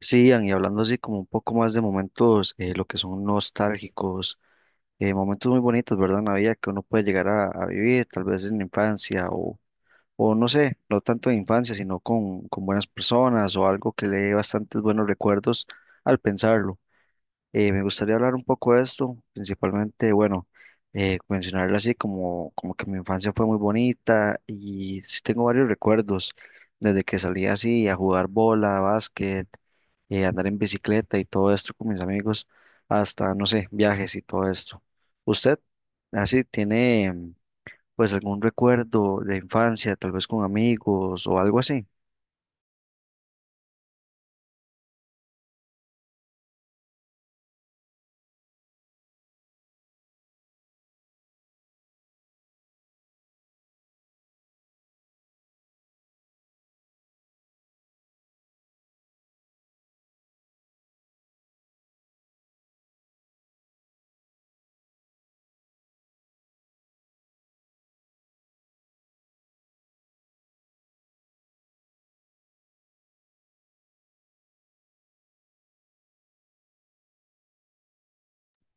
Sí, Ian, y hablando así como un poco más de momentos, lo que son nostálgicos, momentos muy bonitos, ¿verdad? En la vida que uno puede llegar a vivir, tal vez en la infancia o no sé, no tanto en infancia, sino con buenas personas o algo que le dé bastantes buenos recuerdos al pensarlo. Me gustaría hablar un poco de esto, principalmente, bueno, mencionarlo así como, como que mi infancia fue muy bonita y sí tengo varios recuerdos, desde que salí así a jugar bola, básquet, andar en bicicleta y todo esto con mis amigos, hasta, no sé, viajes y todo esto. ¿Usted así tiene pues algún recuerdo de infancia, tal vez con amigos o algo así?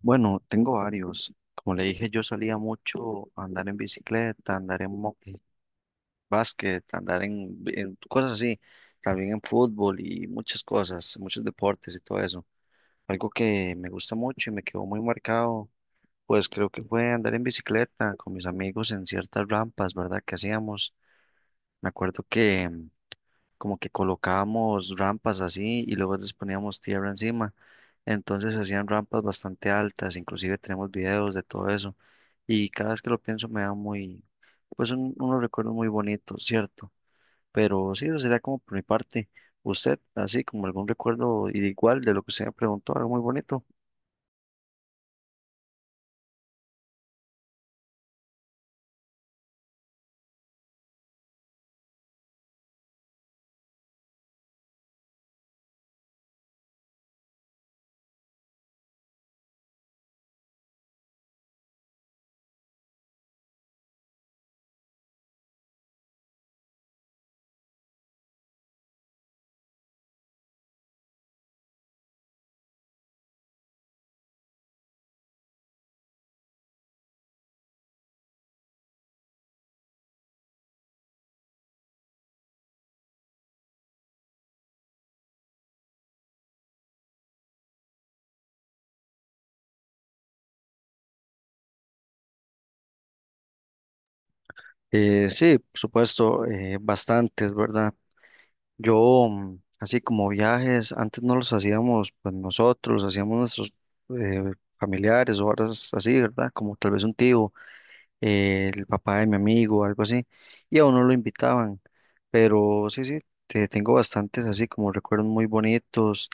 Bueno, tengo varios. Como le dije, yo salía mucho a andar en bicicleta, a andar en moto, básquet, andar en cosas así, también en fútbol y muchas cosas, muchos deportes y todo eso. Algo que me gusta mucho y me quedó muy marcado, pues creo que fue andar en bicicleta con mis amigos en ciertas rampas, ¿verdad? Que hacíamos. Me acuerdo que como que colocábamos rampas así y luego les poníamos tierra encima. Entonces hacían rampas bastante altas, inclusive tenemos videos de todo eso. Y cada vez que lo pienso me da muy, pues unos recuerdos muy bonitos, ¿cierto? Pero sí, eso sería como por mi parte. Usted, así como algún recuerdo igual de lo que usted me preguntó, algo muy bonito. Sí, por supuesto, bastantes, ¿verdad? Yo, así como viajes, antes no los hacíamos pues nosotros, los hacíamos nuestros eh, familiares o horas así, ¿verdad? Como tal vez un tío, el papá de mi amigo, algo así, y a uno lo invitaban. Pero sí, sí, tengo bastantes así como recuerdos muy bonitos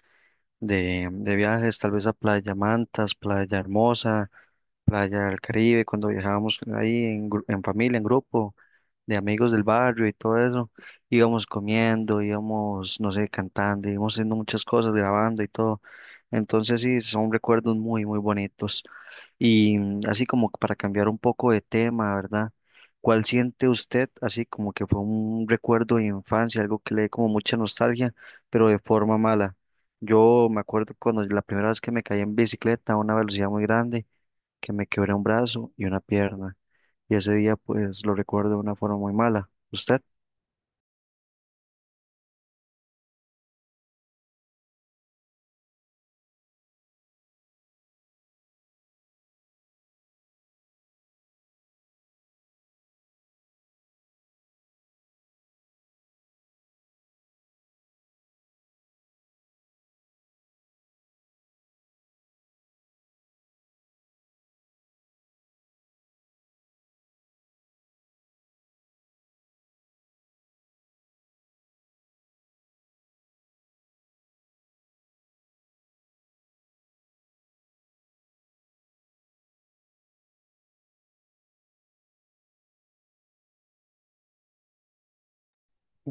de viajes, tal vez a Playa Mantas, Playa Hermosa, playa del Caribe, cuando viajábamos ahí en, en familia, en grupo, de amigos del barrio y todo eso, íbamos comiendo, íbamos, no sé, cantando, íbamos haciendo muchas cosas, grabando y todo. Entonces sí, son recuerdos muy, muy bonitos. Y así como para cambiar un poco de tema, ¿verdad? ¿Cuál siente usted así como que fue un recuerdo de infancia, algo que le dé como mucha nostalgia, pero de forma mala? Yo me acuerdo cuando la primera vez que me caí en bicicleta a una velocidad muy grande que me quebré un brazo y una pierna. Y ese día pues lo recuerdo de una forma muy mala. ¿Usted?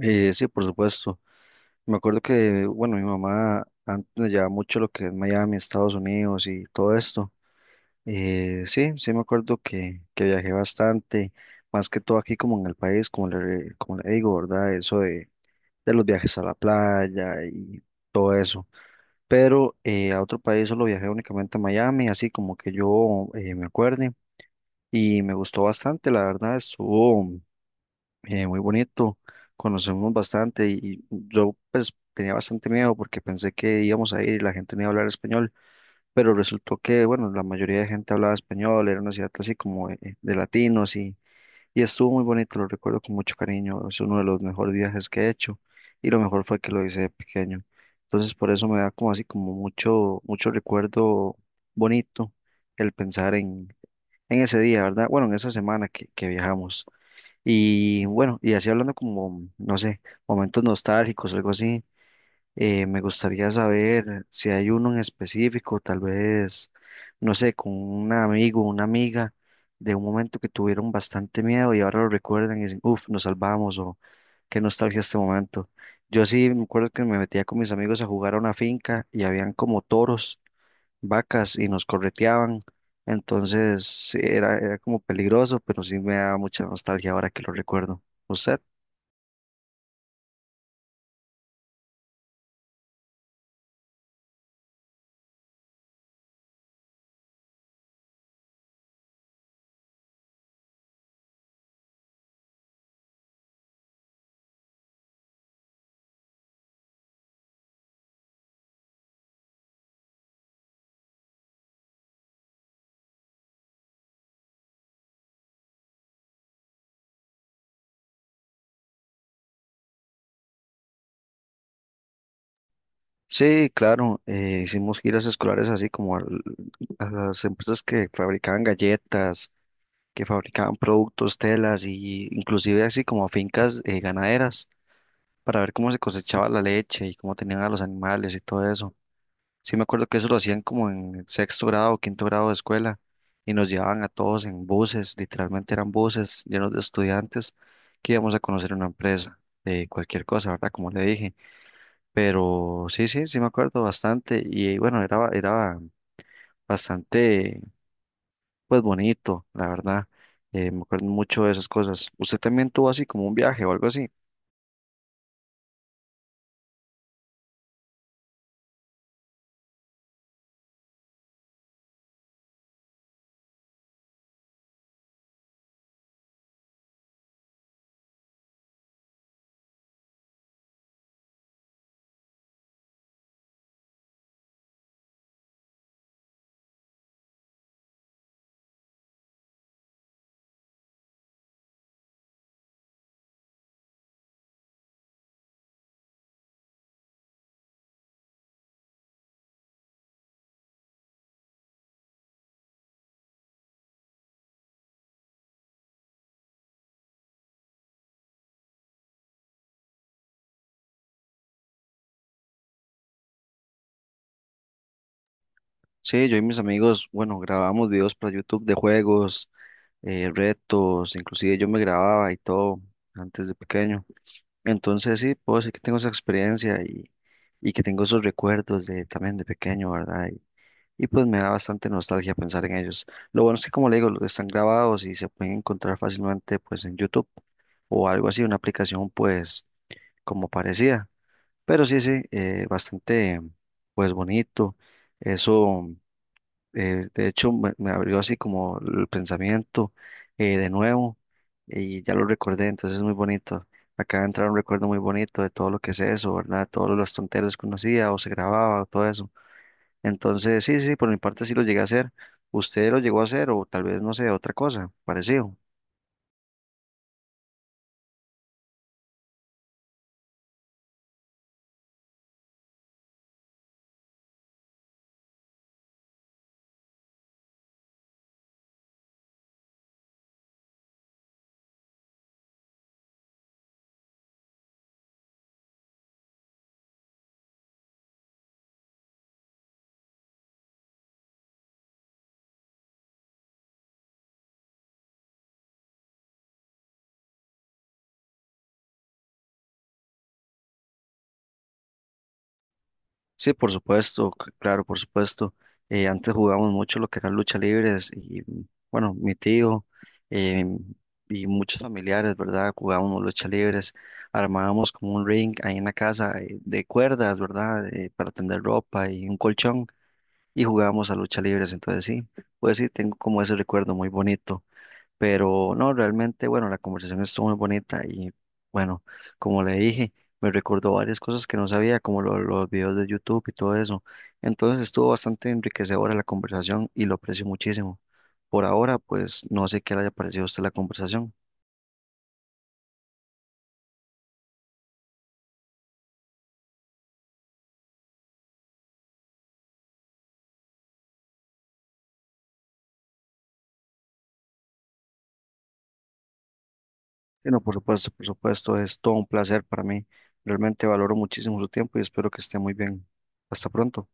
Sí, por supuesto. Me acuerdo que, bueno, mi mamá antes me llevaba mucho lo que es Miami, Estados Unidos y todo esto. Sí, sí me acuerdo que viajé bastante, más que todo aquí como en el país, como le digo, ¿verdad? Eso de los viajes a la playa y todo eso. Pero a otro país solo viajé únicamente a Miami, así como que yo me acuerde. Y me gustó bastante, la verdad, estuvo muy bonito, conocemos bastante y yo pues tenía bastante miedo porque pensé que íbamos a ir y la gente no iba a hablar español, pero resultó que, bueno, la mayoría de gente hablaba español, era una ciudad así como de latinos y estuvo muy bonito, lo recuerdo con mucho cariño, es uno de los mejores viajes que he hecho y lo mejor fue que lo hice de pequeño, entonces por eso me da como así como mucho, mucho recuerdo bonito el pensar en ese día, ¿verdad? Bueno, en esa semana que viajamos. Y bueno, y así hablando como, no sé, momentos nostálgicos algo así, me gustaría saber si hay uno en específico, tal vez, no sé, con un amigo, una amiga, de un momento que tuvieron bastante miedo y ahora lo recuerdan y dicen, uff, nos salvamos o qué nostalgia este momento. Yo sí me acuerdo que me metía con mis amigos a jugar a una finca y habían como toros, vacas y nos correteaban. Entonces sí, era, era como peligroso, pero sí me da mucha nostalgia ahora que lo recuerdo. ¿Usted? Sí, claro, hicimos giras escolares así como a las empresas que fabricaban galletas, que fabricaban productos, telas y inclusive así como a fincas ganaderas para ver cómo se cosechaba la leche y cómo tenían a los animales y todo eso. Sí, me acuerdo que eso lo hacían como en sexto grado o quinto grado de escuela y nos llevaban a todos en buses, literalmente eran buses llenos de estudiantes que íbamos a conocer una empresa de cualquier cosa, ¿verdad? Como le dije. Pero sí, sí, sí me acuerdo bastante y bueno, era, era bastante, pues bonito, la verdad. Me acuerdo mucho de esas cosas. ¿Usted también tuvo así como un viaje o algo así? Sí, yo y mis amigos, bueno, grabamos videos para YouTube de juegos, retos, inclusive yo me grababa y todo antes de pequeño. Entonces sí, puedo decir que tengo esa experiencia y que tengo esos recuerdos de, también de pequeño, ¿verdad? Y, pues me da bastante nostalgia pensar en ellos. Lo bueno es que como le digo, están grabados y se pueden encontrar fácilmente pues en YouTube o algo así, una aplicación pues como parecida. Pero sí, sí, bastante pues bonito. Eso de hecho, me abrió así como el pensamiento de nuevo y ya lo recordé, entonces es muy bonito. Acaba de entrar un recuerdo muy bonito de todo lo que es eso, ¿verdad? Todas las tonteras que uno hacía o se grababa o todo eso. Entonces, sí, sí, por mi parte sí lo llegué a hacer. ¿Usted lo llegó a hacer o tal vez, no sé, otra cosa parecido? Sí, por supuesto, claro, por supuesto. Antes jugábamos mucho lo que eran lucha libres y bueno, mi tío eh, y muchos familiares, ¿verdad? Jugábamos lucha libres, armábamos como un ring ahí en la casa de cuerdas, ¿verdad? Para tender ropa y un colchón y jugábamos a lucha libres. Entonces sí, pues sí, tengo como ese recuerdo muy bonito. Pero no, realmente, bueno, la conversación estuvo muy bonita y bueno, como le dije, me recordó varias cosas que no sabía, como los videos de YouTube y todo eso. Entonces estuvo bastante enriquecedora la conversación y lo aprecio muchísimo. Por ahora, pues no sé qué le haya parecido a usted la conversación. Bueno, por supuesto, es todo un placer para mí. Realmente valoro muchísimo su tiempo y espero que esté muy bien. Hasta pronto.